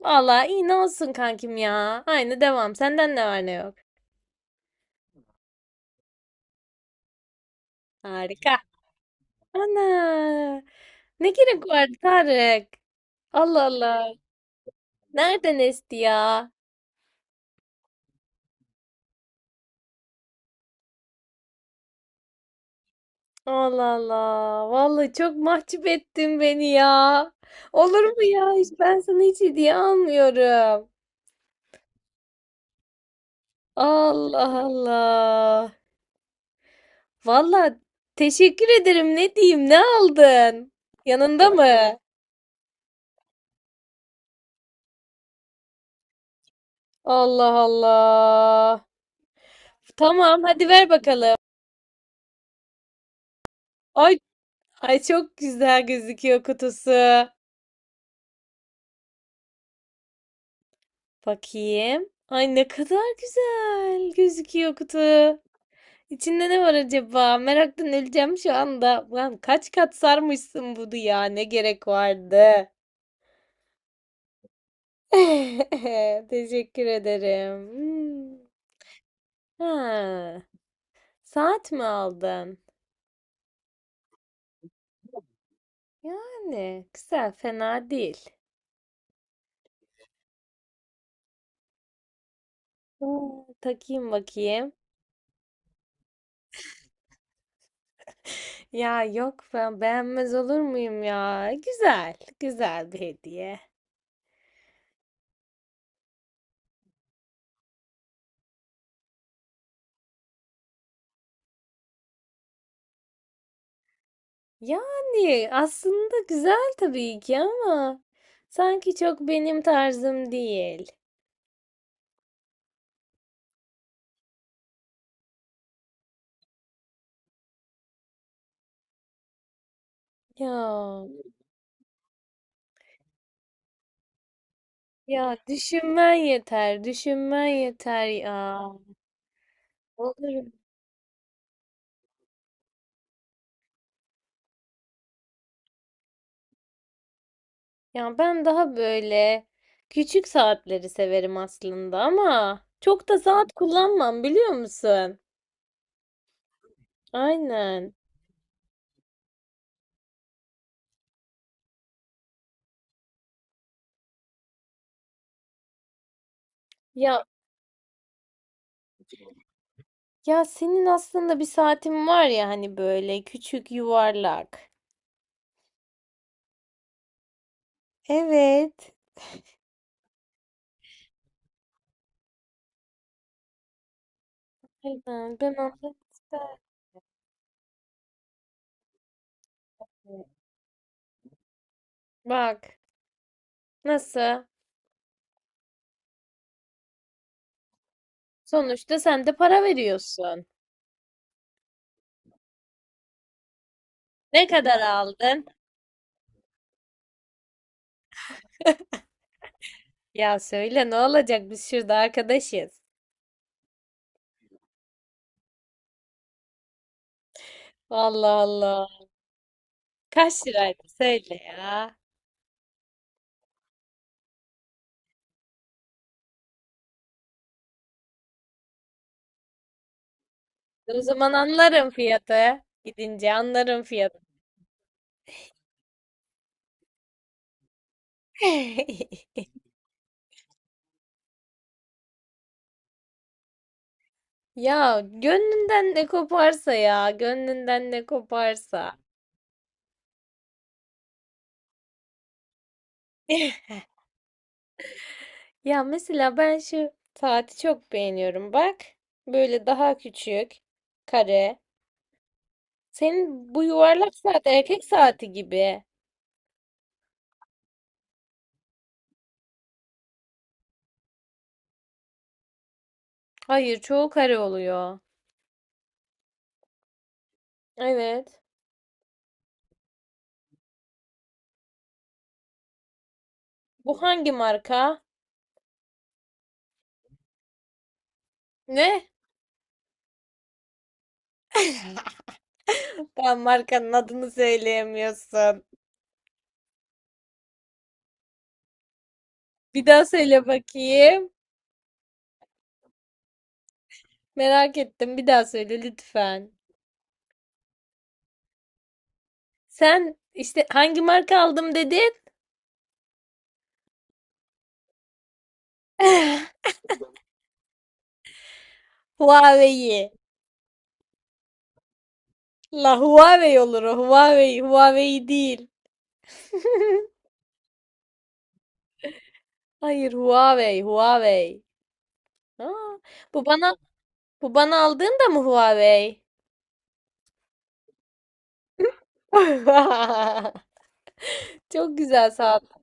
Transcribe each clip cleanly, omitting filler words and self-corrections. Vallahi iyi ne olsun kankim ya. Aynı devam. Senden ne var ne yok. Harika. Ana. Ne gerek vardı Tarık? Allah Allah. Nereden esti ya? Allah Allah. Vallahi çok mahcup ettin beni ya. Olur mu ya? Hiç ben sana hiç hediye almıyorum. Allah Allah. Vallahi teşekkür ederim. Ne diyeyim? Ne aldın? Yanında mı? Allah Allah. Tamam, hadi ver bakalım. Ay, ay çok güzel gözüküyor kutusu. Bakayım. Ay ne kadar güzel gözüküyor kutu. İçinde ne var acaba? Meraktan öleceğim şu anda. Lan kaç kat sarmışsın bunu ya? Ne gerek vardı? Teşekkür ederim. Hmm. Ha, saat mi aldın? Yani güzel, fena değil. Hmm, takayım bakayım. Ya yok ben beğenmez olur muyum ya? Güzel, güzel bir hediye. Yani aslında güzel tabii ki ama sanki çok benim tarzım değil. Ya, ya, düşünmen yeter, düşünmen yeter ya. Olur. Ya ben daha böyle küçük saatleri severim aslında ama çok da saat kullanmam biliyor musun? Aynen. Ya. Ya senin aslında bir saatin var ya hani böyle küçük yuvarlak. Evet. Aynen, ben almak isterdim. Bak nasıl? Sonuçta sen de para veriyorsun. Ne kadar aldın? Ya söyle ne olacak biz şurada arkadaşız. Allah Allah. Kaç liraydı söyle ya. E, o zaman anlarım fiyatı. Gidince anlarım fiyatı. Ya gönlünden ne koparsa ya. Gönlünden ne koparsa. Ya mesela ben şu saati çok beğeniyorum. Bak böyle daha küçük kare. Senin bu yuvarlak saat erkek saati gibi. Hayır çoğu kare oluyor. Evet. Bu hangi marka? Ne? Daha markanın adını söyleyemiyorsun. Bir daha söyle bakayım. Merak ettim. Bir daha söyle lütfen. Sen işte hangi marka aldım dedin? Huawei. La Huawei olur o. Huawei. Huawei değil. Hayır Huawei, Huawei. Aa, bu bana bu bana aldığın da mı Huawei? Çok güzel saat.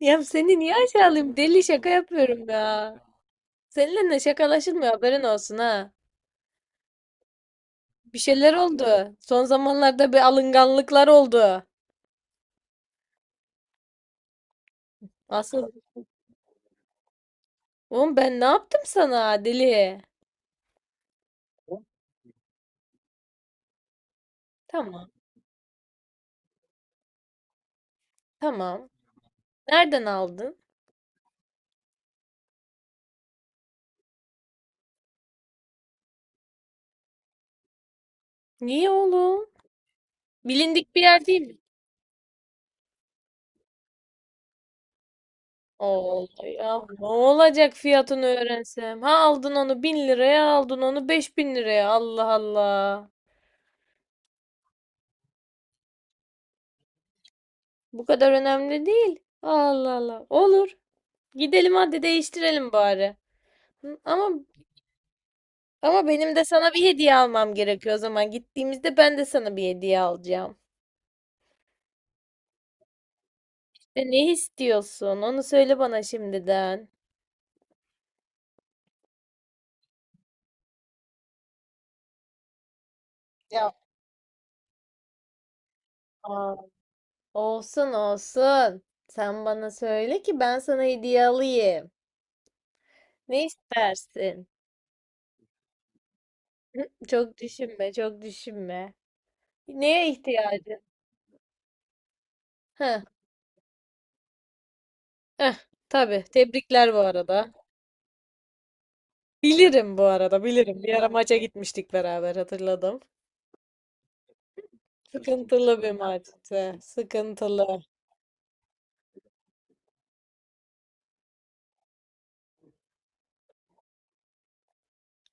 Ya seni niye aşağılayayım? Deli şaka yapıyorum ya. Seninle şakalaşılmıyor haberin olsun ha. Bir şeyler oldu. Son zamanlarda bir alınganlıklar oldu. Asıl. Oğlum ben ne yaptım sana deli? Tamam. Tamam. Nereden aldın? Niye oğlum? Bilindik bir yer değil mi? Oldu ya. Ne olacak fiyatını öğrensem? Ha aldın onu 1.000 liraya, aldın onu 5.000 liraya. Allah Allah. Bu kadar önemli değil. Allah Allah. Olur. Gidelim hadi değiştirelim bari. Hı, ama benim de sana bir hediye almam gerekiyor o zaman. Gittiğimizde ben de sana bir hediye alacağım. İşte ne istiyorsun? Onu söyle bana şimdiden. Yapma. Olsun olsun. Sen bana söyle ki ben sana hediye alayım. Ne istersin? Hı, çok düşünme, çok düşünme. Neye ihtiyacın? Hı. Eh, tabii. Tebrikler bu arada. Bilirim bu arada, bilirim. Bir ara maça gitmiştik beraber, hatırladım. Sıkıntılı bir maçtı. Sıkıntılı.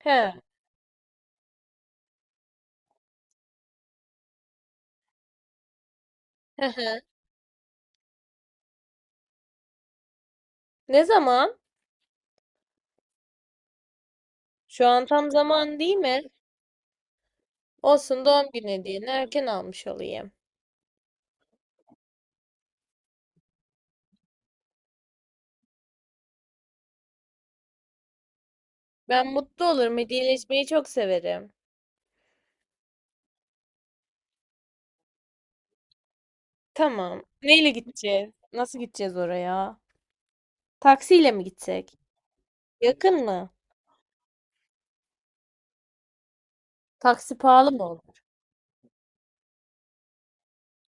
He. Hı hı. Ne zaman? Şu an tam zaman değil mi? Olsun doğum günü hediyeni erken almış olayım. Ben mutlu olurum. Hediyeleşmeyi çok severim. Tamam. Neyle gideceğiz? Nasıl gideceğiz oraya? Taksiyle mi gitsek? Yakın mı? Taksi pahalı mı olur?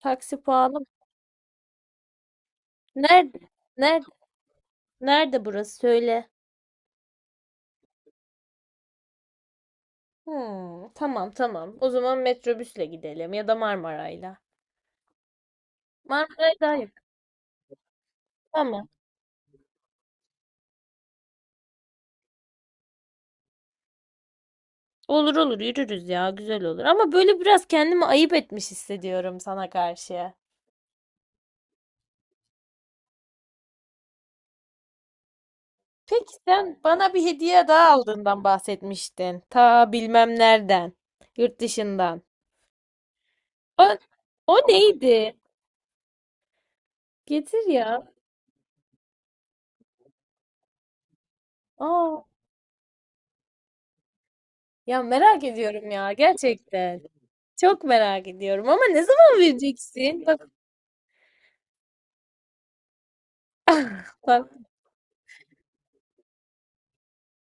Taksi pahalı mı? Nerede? Nerede? Nerede burası? Söyle. Hmm, tamam tamam. O zaman metrobüsle gidelim ya da Marmaray'la. Marmaray daha yakın. Tamam. Olur olur yürürüz ya güzel olur. Ama böyle biraz kendimi ayıp etmiş hissediyorum sana karşı. Peki sen bana bir hediye daha aldığından bahsetmiştin. Ta bilmem nereden. Yurt dışından. O, o neydi? Getir ya. Aa. Ya merak ediyorum ya gerçekten. Çok merak ediyorum ama ne zaman vereceksin? Bak bak.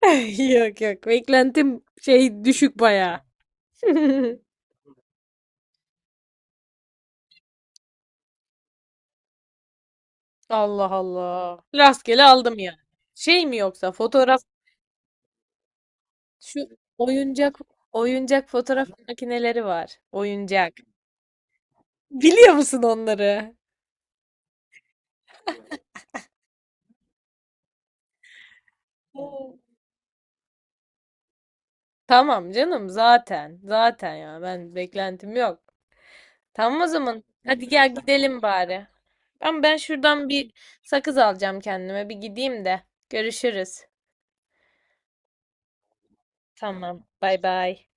Yok yok beklentim şey düşük baya. Allah Allah. Rastgele aldım ya. Şey mi yoksa fotoğraf şu oyuncak oyuncak fotoğraf makineleri var. Oyuncak. Biliyor musun onları? Oo. Tamam canım zaten. Zaten ya ben beklentim yok. Tamam o zaman. Hadi gel gidelim bari. Ben şuradan bir sakız alacağım kendime. Bir gideyim de. Görüşürüz. Tamam. Bay bay.